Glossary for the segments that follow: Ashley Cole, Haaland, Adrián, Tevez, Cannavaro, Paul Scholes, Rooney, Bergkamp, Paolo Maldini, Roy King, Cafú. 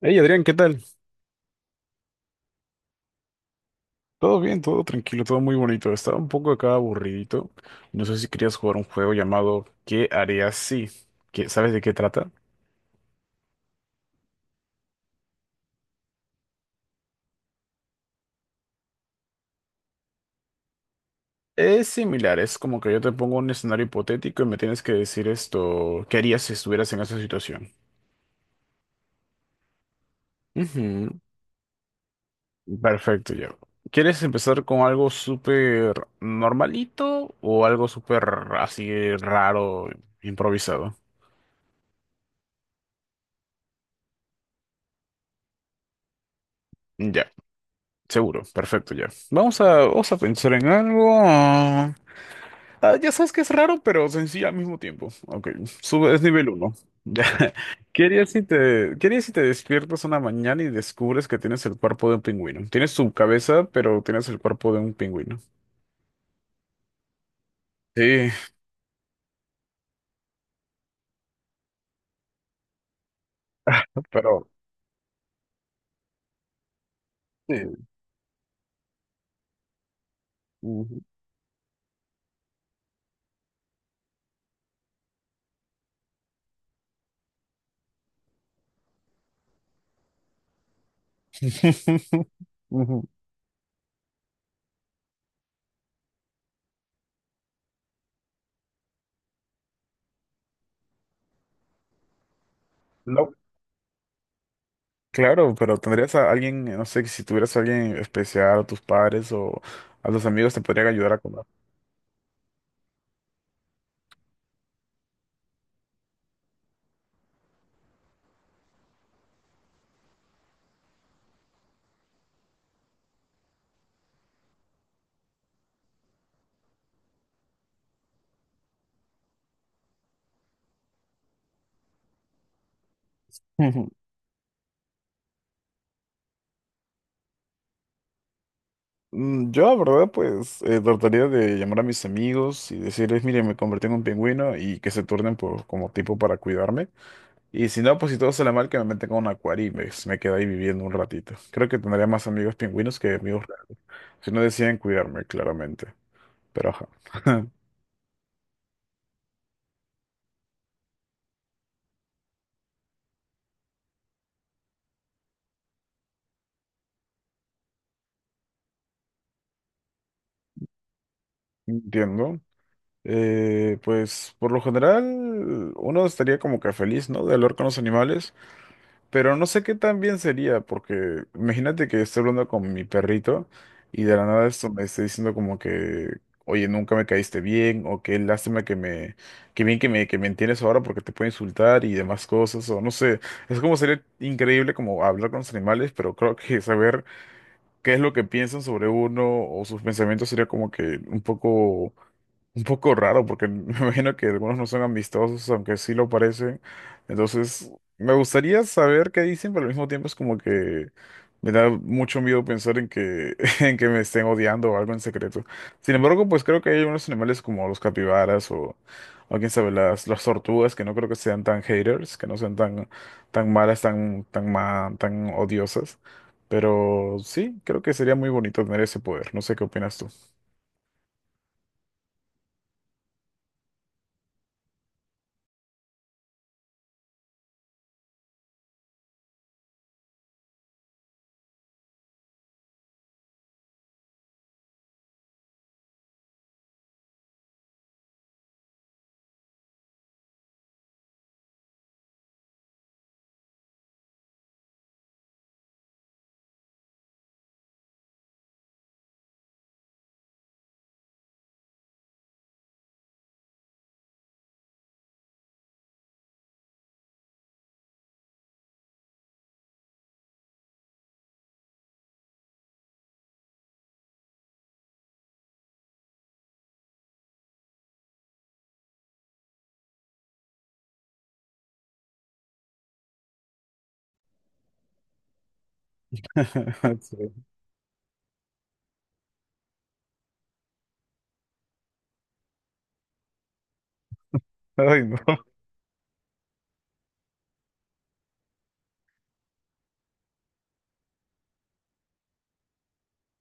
Hey Adrián, ¿qué tal? Todo bien, todo tranquilo, todo muy bonito. Estaba un poco acá aburridito. No sé si querías jugar un juego llamado ¿Qué harías si? ¿Sabes de qué trata? Es similar, es como que yo te pongo un escenario hipotético y me tienes que decir esto, ¿qué harías si estuvieras en esa situación? Ujú. Perfecto, ya. ¿Quieres empezar con algo súper normalito o algo súper así raro, improvisado? Ya, seguro, perfecto, ya. Vamos a pensar en algo. Ah, ya sabes que es raro, pero sencillo al mismo tiempo. Ok, sube, es nivel uno. ¿Qué harías si te despiertas una mañana y descubres que tienes el cuerpo de un pingüino? Tienes tu cabeza, pero tienes el cuerpo de un pingüino. Sí, pero... Sí. Ujú. Ujú. No, claro, pero tendrías a alguien, no sé, que si tuvieras a alguien especial, a tus padres o a los amigos te podrían ayudar a comer. Yo, la verdad, pues trataría de llamar a mis amigos y decirles, miren, me convertí en un pingüino y que se turnen por, como tipo para cuidarme. Y si no, pues si todo sale mal, que me metan con un acuario y me quedo ahí viviendo un ratito. Creo que tendría más amigos pingüinos que amigos reales, si no deciden cuidarme, claramente. Pero ajá, entiendo. Pues por lo general, uno estaría como que feliz, ¿no? De hablar con los animales. Pero no sé qué tan bien sería, porque imagínate que estoy hablando con mi perrito y de la nada esto me está diciendo como que, oye, nunca me caíste bien, o qué bien que me entiendes ahora porque te puedo insultar y demás cosas, o no sé. Es como sería increíble como hablar con los animales, pero creo que saber qué es lo que piensan sobre uno o sus pensamientos sería como que un poco raro porque me imagino que algunos no son amistosos, aunque sí lo parecen. Entonces, me gustaría saber qué dicen, pero al mismo tiempo es como que me da mucho miedo pensar en que, en que me estén odiando o algo en secreto. Sin embargo, pues creo que hay unos animales como los capibaras o quién sabe, las tortugas, que no creo que sean tan haters, que no sean tan malas, tan odiosas. Pero sí, creo que sería muy bonito tener ese poder. No sé qué opinas tú. Sí. Ay, no.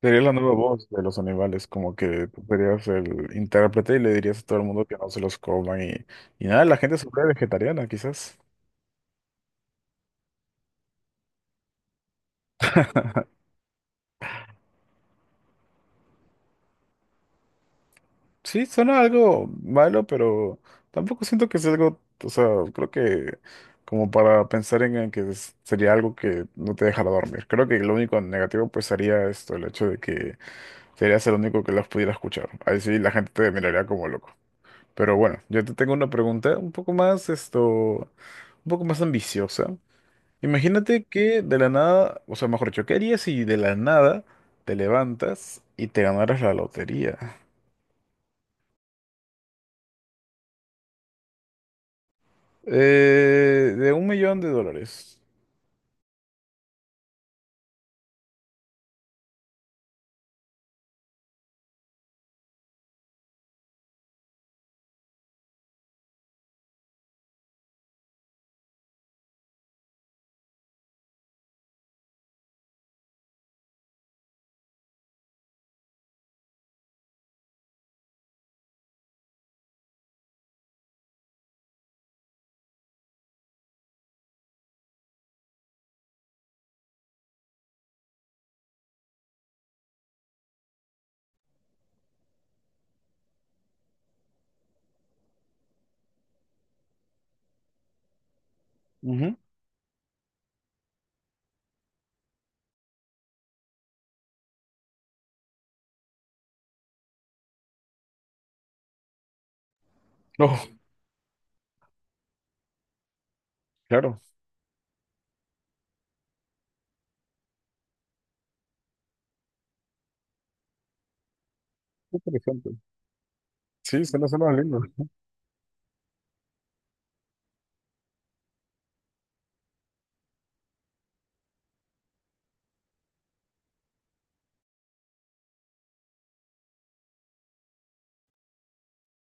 Sería la nueva voz de los animales, como que tú serías el intérprete y le dirías a todo el mundo que no se los coman y nada, la gente se vuelve vegetariana, quizás. Sí, suena algo malo, pero tampoco siento que sea algo, o sea, creo que como para pensar en que sería algo que no te dejara dormir. Creo que lo único negativo pues sería esto, el hecho de que serías el único que las pudiera escuchar. Ahí sí la gente te miraría como loco. Pero bueno, yo te tengo una pregunta un poco más ambiciosa. Imagínate que de la nada, o sea, mejor dicho, ¿qué harías si de la nada te levantas y te ganaras la lotería? Eh, de 1 millón de dólares. Ujú. Oh, claro. Qué interesante. Sí, suena lindo.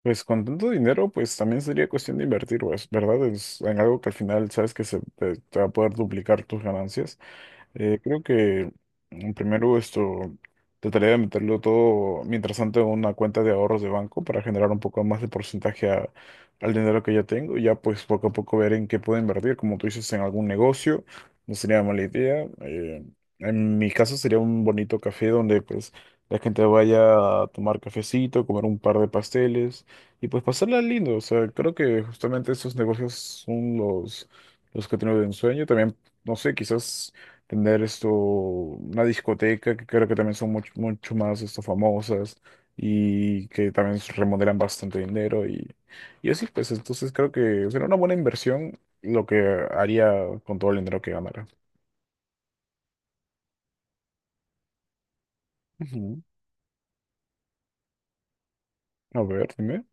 Pues con tanto dinero, pues también sería cuestión de invertir, pues, ¿verdad? Es en algo que al final sabes que te va a poder duplicar tus ganancias. Creo que primero esto trataría de meterlo todo, mientras tanto, en una cuenta de ahorros de banco para generar un poco más de porcentaje al dinero que ya tengo. Y ya pues poco a poco ver en qué puedo invertir, como tú dices, en algún negocio, no sería mala idea. En mi caso sería un bonito café donde pues la gente vaya a tomar cafecito, comer un par de pasteles y pues pasarla lindo. O sea, creo que justamente esos negocios son los que tengo de ensueño. También no sé, quizás tener esto, una discoteca que creo que también son mucho, mucho más esto, famosas y que también remodelan bastante dinero y así, pues entonces creo que será una buena inversión lo que haría con todo el dinero que ganara. Ujú. A ver, dime,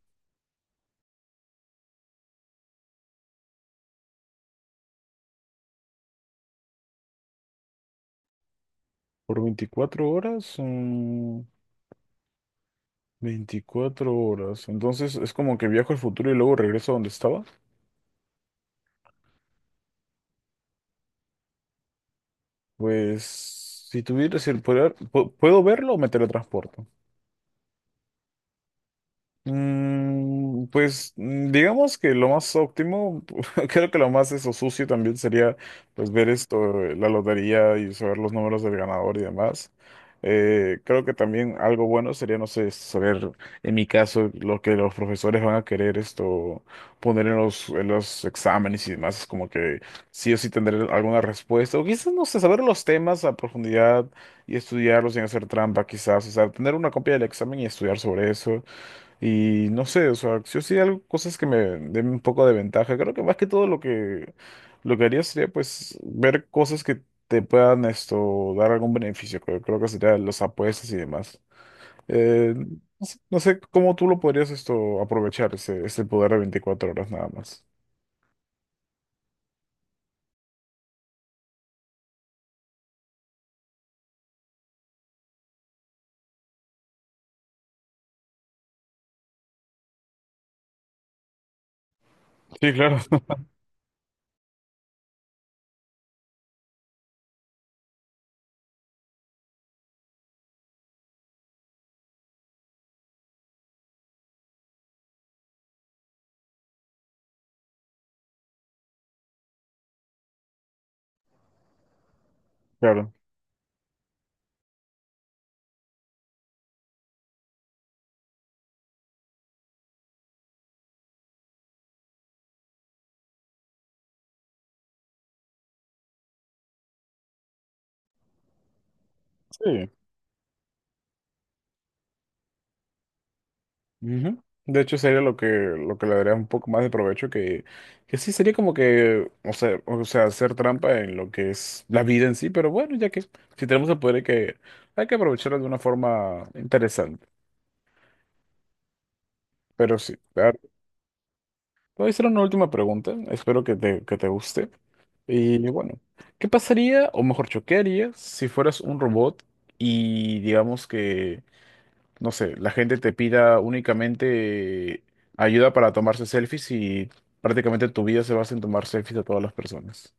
por 24 horas son 24 horas, entonces es como que viajo al futuro y luego regreso a donde estaba. Pues si tuviera el poder, ¿puedo verlo o me teletransporto? Pues digamos que lo más óptimo, creo que lo más eso sucio también sería pues ver esto, la lotería y saber los números del ganador y demás. Creo que también algo bueno sería, no sé, saber en mi caso lo que los profesores van a querer esto poner en los, exámenes y demás, es como que sí o sí tendré alguna respuesta, o quizás, no sé, saber los temas a profundidad y estudiarlos sin hacer trampa, quizás, o sea, tener una copia del examen y estudiar sobre eso. Y no sé, o sea, si yo sí algo, cosas que me den un poco de ventaja. Creo que más que todo lo que haría sería pues ver cosas que te puedan esto dar algún beneficio. Creo que sería las apuestas y demás. Eh, no no sé cómo tú lo podrías esto aprovechar ese poder de 24 horas nada más. Sí, claro, claro. Sí. Ujú. De hecho, sería lo que, le daría un poco más de provecho que sí sería como que, o sea, hacer trampa en lo que es la vida en sí, pero bueno, ya que si tenemos el poder hay que, aprovecharlo de una forma interesante. Pero sí, te voy a hacer una última pregunta, espero que te guste. Y bueno, ¿qué pasaría, o mejor, choquearía si fueras un robot y digamos que no sé, la gente te pida únicamente ayuda para tomarse selfies y prácticamente tu vida se basa en tomar selfies de todas las personas.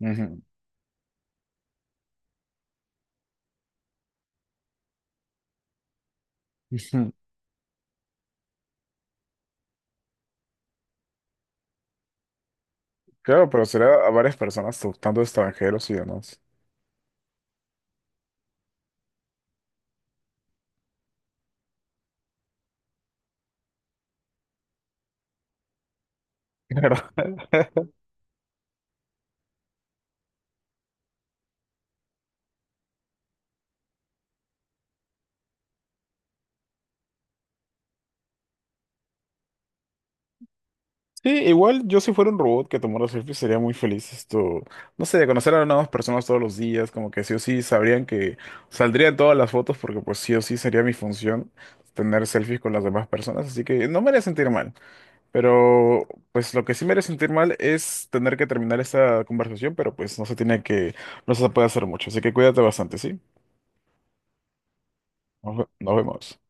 Ujú. Ujú. Claro, pero será a varias personas, tanto extranjeros y demás. Claro. Sí, igual yo si fuera un robot que tomara selfies sería muy feliz esto, no sé, de conocer a nuevas personas todos los días, como que sí o sí sabrían que saldrían todas las fotos porque pues sí o sí sería mi función tener selfies con las demás personas, así que no me haría sentir mal. Pero pues lo que sí me haría sentir mal es tener que terminar esta conversación, pero pues no se puede hacer mucho. Así que cuídate bastante, ¿sí? Nos vemos.